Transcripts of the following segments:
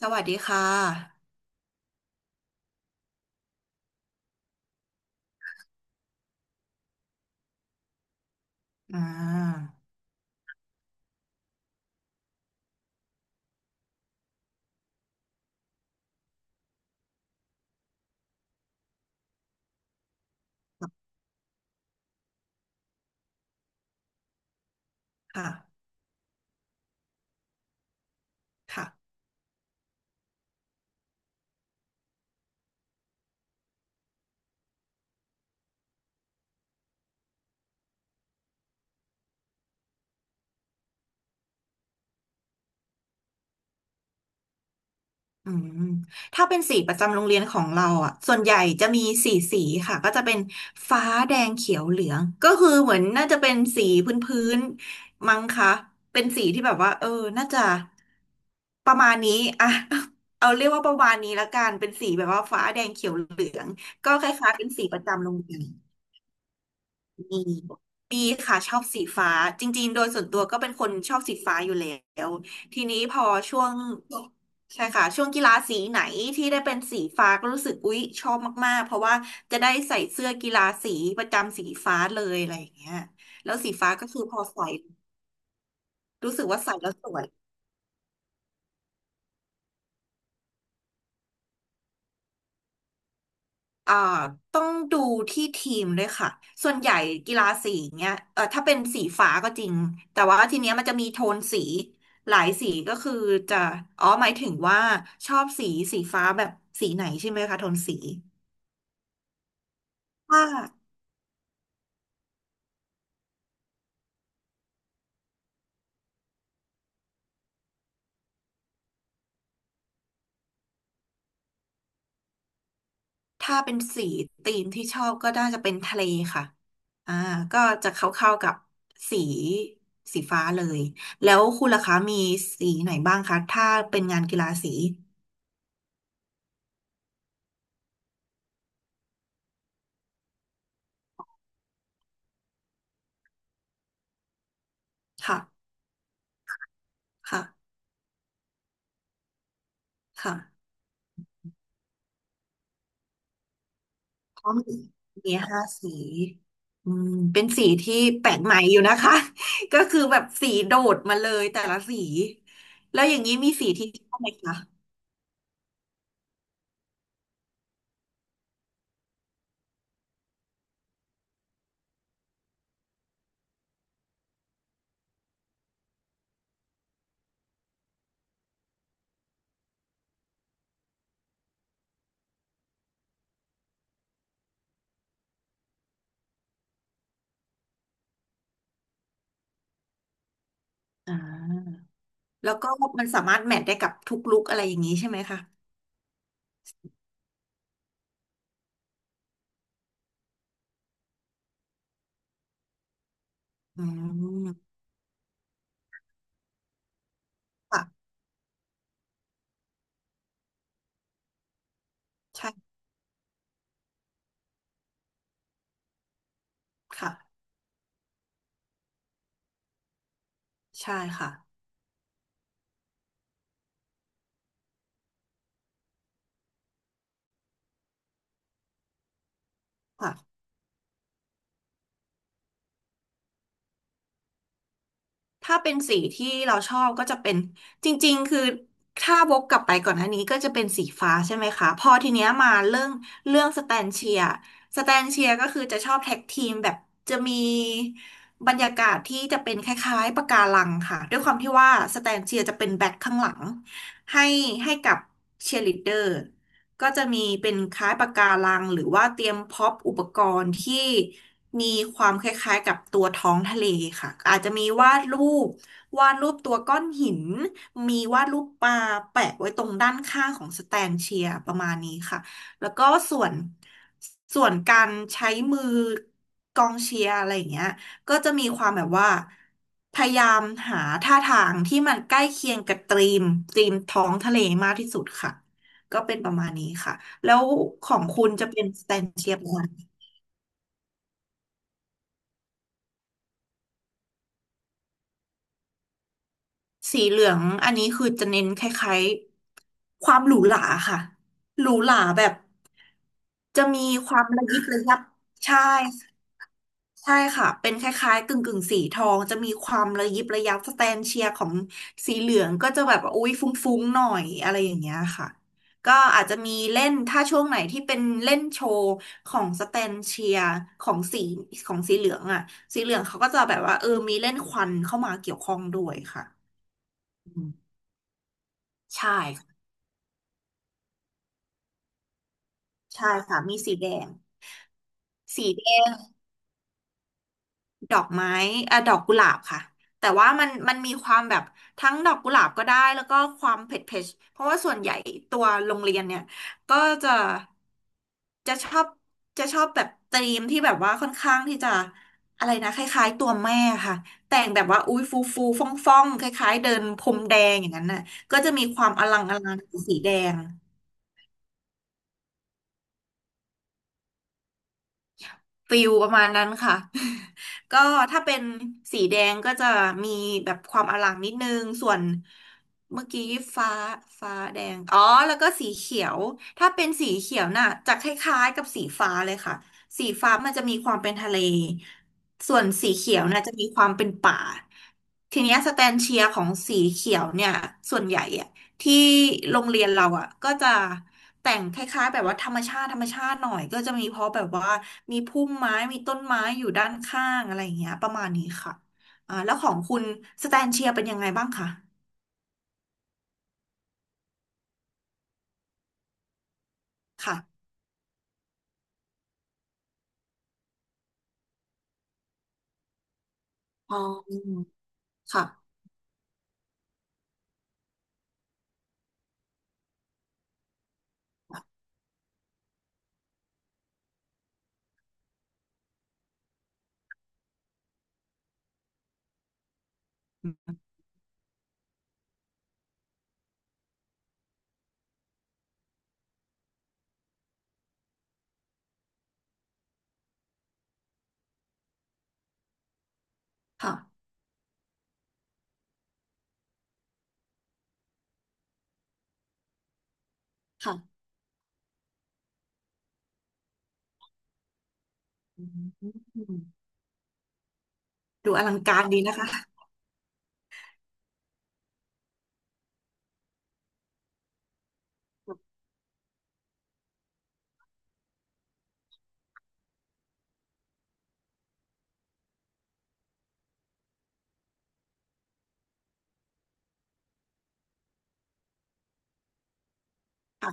สวัสดีค่ะอ่าค่ะค่ะอืมถ้าเป็นสีประจำโรงเรียนของเราอ่ะส่วนใหญ่จะมีสี่สีค่ะ ก็จะเป็นฟ้าแดงเขียวเหลือง ก็คือเหมือนน่าจะเป็นสีพื้นมั้งคะเป็นสีที่แบบว่าน่าจะประมาณนี้อ่ะ เอาเรียกว่าประมาณนี้ละกันเป็นสีแบบว่าฟ้าแดงเขียวเหลืองก็คล้ายๆเป็นสีประจำโรงเรียน มีมีค่ะชอบสีฟ้าจริงๆโดยส่วนตัวก็เป็นคนชอบสีฟ้าอยู่แล้วทีนี้พอช่วงใช่ค่ะช่วงกีฬาสีไหนที่ได้เป็นสีฟ้าก็รู้สึกอุ๊ยชอบมากๆเพราะว่าจะได้ใส่เสื้อกีฬาสีประจำสีฟ้าเลยอะไรอย่างเงี้ยแล้วสีฟ้าก็คือพอใส่รู้สึกว่าใส่แล้วสวย อ่าต้องดูที่ทีมด้วยค่ะ ส่วนใหญ่กีฬาสีเนี้ยถ้าเป็นสีฟ้าก็จริง แต่ว่าทีเนี้ยมันจะมีโทนสีหลายสีก็คือจะอ๋อหมายถึงว่าชอบสีฟ้าแบบสีไหนใช่ไหมคะโทนสีถ้าถ้าเป็นสีธีมที่ชอบก็น่าจะเป็นทะเลค่ะอ่าก็จะเข้าๆกับสีสีฟ้าเลย แล้วคุณล่ะคะมีสีไหนบ้างคะถ้าเป็นงานกีฬาสีค่ะค่ะค่ะ ก็มีห้าสีอืมเป็นสีที่แปลกใหม่อยู่นะคะ ก็คือแบบสีโดดมาเลยแต่ละสีแล้วอย่างนี้มีสีที่ชอบไหมคะอ่าแล้วก็มันสามารถแมทได้กับทุกลุคอะไรอย่างนี้ใช่ไหมคะอืมค่ะใช่ค่ะใช่ค่ะค่ะ ถ้าเป็นสีที่เราชอบก็จะเป็นจริงๆคือถ้าวกกลับไปก่อนหน้านี้ก็จะเป็นสีฟ้าใช่ไหมคะพอทีเนี้ยมาเรื่องสแตนเชียสแตนเชียก็คือจะชอบแท็กทีมแบบจะมีบรรยากาศที่จะเป็นคล้ายๆปะการังค่ะด้วยความที่ว่าสแตนเชียจะเป็นแบ็คข้างหลังให้ให้กับเชียร์ลีดเดอร์ ก็จะมีเป็นคล้ายปะการังหรือว่าเตรียมพร็อปอุปกรณ์ที่มีความคล้ายๆกับตัวท้องทะเลค่ะอาจจะมีปวาดรูปตัวก้อนหินมีวาดรูปปลาแปะไว้ตรงด้านข้างของสแตนเชียร์ประมาณนี้ค่ะแล้วก็ส่วนส่วนการใช้มือกองเชียร์อะไรอย่างเงี้ยก็จะมีความแบบว่าพยายามหาท่าทางที่มันใกล้เคียงกับธีมท้องทะเลมากที่สุดค่ะ ก็เป็นประมาณนี้ค่ะ แล้วของคุณจะเป็นสแตนเชียประมาณไหนสีเหลืองอันนี้คือจะเน้นคล้ายๆความหรูหราค่ะหรูหราแบบจะมีความระยิบระยับใช่ ใช่ค่ะ เป็นคล้ายๆกึ่งกึ่งสีทอง จะมีความระยิบระยับสแตนเชียร์ของสีเหลืองก็จะแบบว่าอุ๊ยฟุ้งๆหน่อยอะไรอย่างเงี้ยค่ะก็อาจจะมีเล่นถ้าช่วงไหนที่เป็นเล่นโชว์ของสแตนเชียร์ของสีของสีเหลืองอ่ะสีเหลืองเขาก็จะแบบว่ามีเล่นควันเข้ามาเกี่ยวข้องด้วยค่ะอืมใช่ค่ะใช่ค่ะมีสีแดงสีแด ดอกไม้ดอกกุหลาบค่ะแต่ว่ามันมีความแบบทั้งดอกกุหลาบก็ได้แล้วก็ความเผ็ดเผ็ดเพราะว่าส่วนใหญ่ตัวโรงเรียนเนี่ยก็จะจะชอบจะชอบแบบธีมที่แบบว่าค่อนข้างที่จะอะไรนะคล้ายๆตัวแม่ค่ะแต่งแบบว่าอุ้ยฟูฟูฟ่องฟ่องๆคล้ายๆเดินพรมแดงอย่างนั้นน่ะก็จะมีความอลังอลังสีแดง ฟิลประมาณนั้นค่ะ ก็ถ้าเป็นสีแดงก็จะมีแบบความอลังนิดนึงส่วนเมื่อกี้ฟ้าฟ้าแดงอ๋อแล้วก็สีเขียวถ้าเป็นสีเขียวน่ะจะคล้ายๆกับสีฟ้าเลยค่ะสีฟ้ามันจะมีความเป็นทะเลส่วนสีเขียวน่ะจะมีความเป็นป่าทีเนี้ยสแตนเชียร์ของสีเขียวเนี่ยส่วนใหญ่อะ ที่โรงเรียนเราอ่ะก็จะแต่งคล้ายๆแบบว่าธรรมชาติธรรมชาติหน่อยก็จะมีเพราะแบบว่ามีพุ่มไม้มีต้นไม้อยู่ด้านข้างอะไรอย่างเงี้ยประมาณนี้ค่ะแล้วของคุณสแตนเชียร์เป็นยังไงบ้างคะค่ะอ๋ออืมค่ะค่ะค่ะอืมดูอลังการดีนะคะค่ะ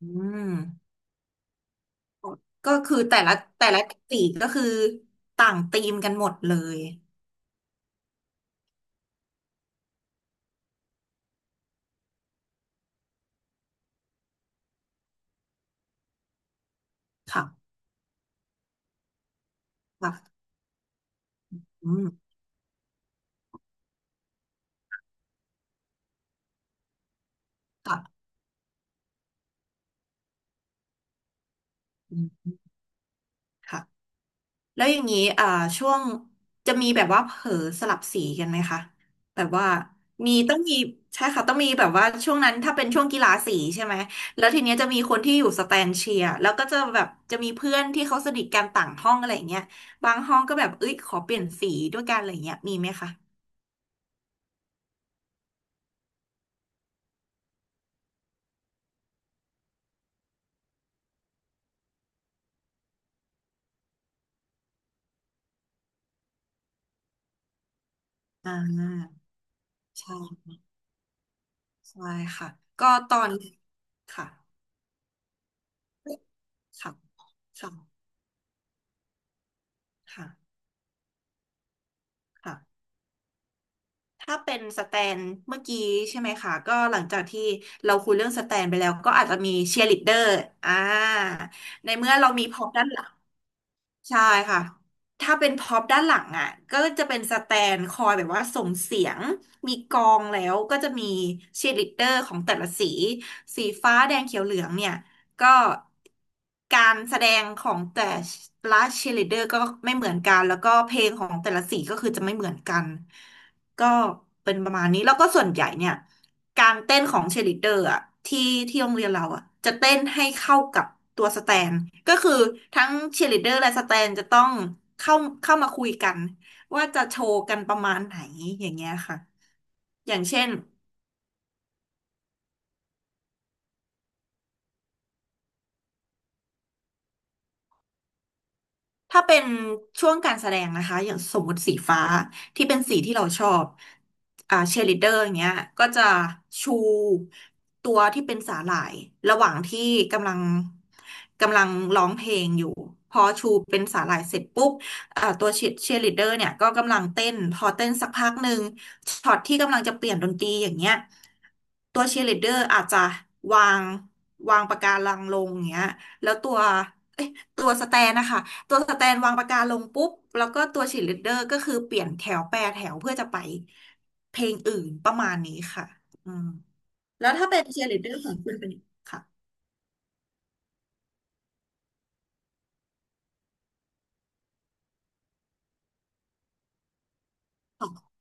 อืมก็คือแต่ละสีก็คือต่างธีมกันหมดเลยค่ะค่ะอืมค่ะอืมค่ะ แล้วอย่างนี้ช่วงจะมีแบบว่าเผลอสลับสีกันไหมคะแบบว่ามีต้องมีใช่ค่ะต้องมีแบบว่าช่วงนั้นถ้าเป็นช่วงกีฬาสีใช่ไหมแล้วทีเนี้ยจะมีคนที่อยู่สแตนเชียร์แล้วก็จะแบบจะมีเพื่อนที่เขาสนิทกันต่างห้องอะไรอย่างเงี้ยบางห้องก็แบบเอ้ยขอเปลี่ยนสีด้วยกันอะไรอย่างเงี้ยมีไหมคะอ่าใช่ใช่ค่ะก็ตอนค่ะค่ะค่ะค่ะ ถ้าเป็นสแตนเมื่อกี้ใช่ไหมคะก็หลังจากที่เราคุยเรื่องสแตนไปแล้วก็อาจจะมีเชียร์ลีดเดอร์อ่าในเมื่อเรามีพร็อพด้านหลัง ใช่ค่ะ ถ้าเป็นพ็อปด้านหลังอ่ะก็จะเป็นสแตนคอยแบบว่าส่งเสียงมีกองแล้วก็จะมีเชียร์ลีดเดอร์ของแต่ละสี สีฟ้าแดงเขียวเหลืองเนี่ย ก็การแสดงของแต่ละเชียร์ลีดเดอร์ก็ไม่เหมือนกัน แล้วก็เพลงของแต่ละสีก็คือจะไม่เหมือนกัน ก็เป็นประมาณนี้ แล้วก็ส่วนใหญ่เนี่ย การเต้นของเชลิดเดอร์อะที่ที่โรงเรียนเราอะจะเต้นให้เข้ากับตัวสแตนก็คือทั้งเชลิดเดอร์และสแตนจะต้องเข้าเข้ามาคุยกันว่าจะโชว์กันประมาณไหนอย่างเงี้ยค่ะอย่างเช่น ถ้าเป็นช่วงการแสดงนะคะอย่างสมมติสีฟ้าที่เป็นสีที่เราชอบเชียร์ลีดเดอร์อย่างเงี้ยก็จะชูตัวที่เป็นสาหร่ายระหว่างที่กำลังกำลังร้องเพลงอยู่พอชูเป็นสาหร่ายเสร็จปุ๊บตัวเชียร์ลีดเดอร์เนี่ยก็กำลังเต้นพอเต้นสักพักหนึ่งช็อตที่กำลังจะเปลี่ยนดนตรีอย่างเงี้ยตัวเชียร์ลีดเดอร์อาจจะวางวางปากการังลงอย่างเงี้ยแล้วตัวสแตนนะคะตัวสแตนวางปากกาลงปุ๊บแล้วก็ตัวชียร์ลดเดอร์ก็คือเปลี่ยนแถวแปรแถวเพื่อจะไปเพลงอื่นประมาณนี้ค่ะอืมแล้วถ้าเป็นเชียร์ลีดเดอร์ของคุณเป็นค่ะของ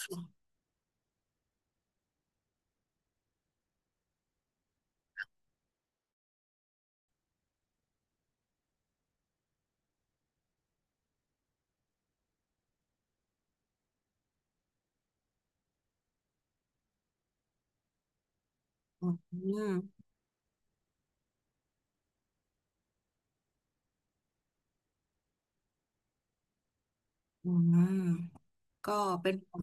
ค่ะอืมอืมก็เป็นของ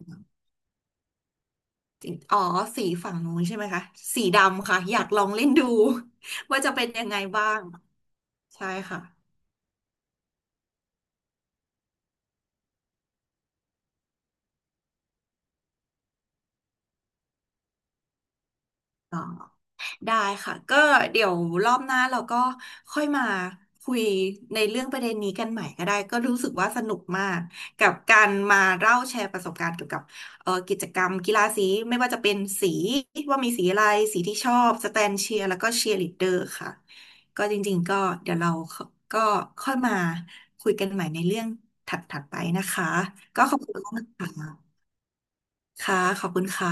สีอ๋อสีฝั่งนู้นใช่ไหมคะสีดำค่ะอยากลองเล่นดู ว่าจะเป็นยังไงบ้างใช่ค่ะ ได้ค่ะก็เดี๋ยวรอบหน้าเราก็ค่อยมาคุยในเรื่องประเด็นนี้กันใหม่ก็ได้ก็รู้สึกว่าสนุกมากกับการมาเล่าแชร์ประสบการณ์เกี่ยวกับกิจกรรมกีฬาสีไม่ว่าจะเป็นสีว่ามีสีอะไรสีที่ชอบสแตนเชียร์แล้วก็เชียร์ลีดเดอร์ค่ะก็จริงๆก็เดี๋ยวเราก็ค่อยมาคุยกันใหม่ในเรื่องถัดๆไปนะคะก็ขอบคุณมากค่ะค่ะขอบคุณค่ะ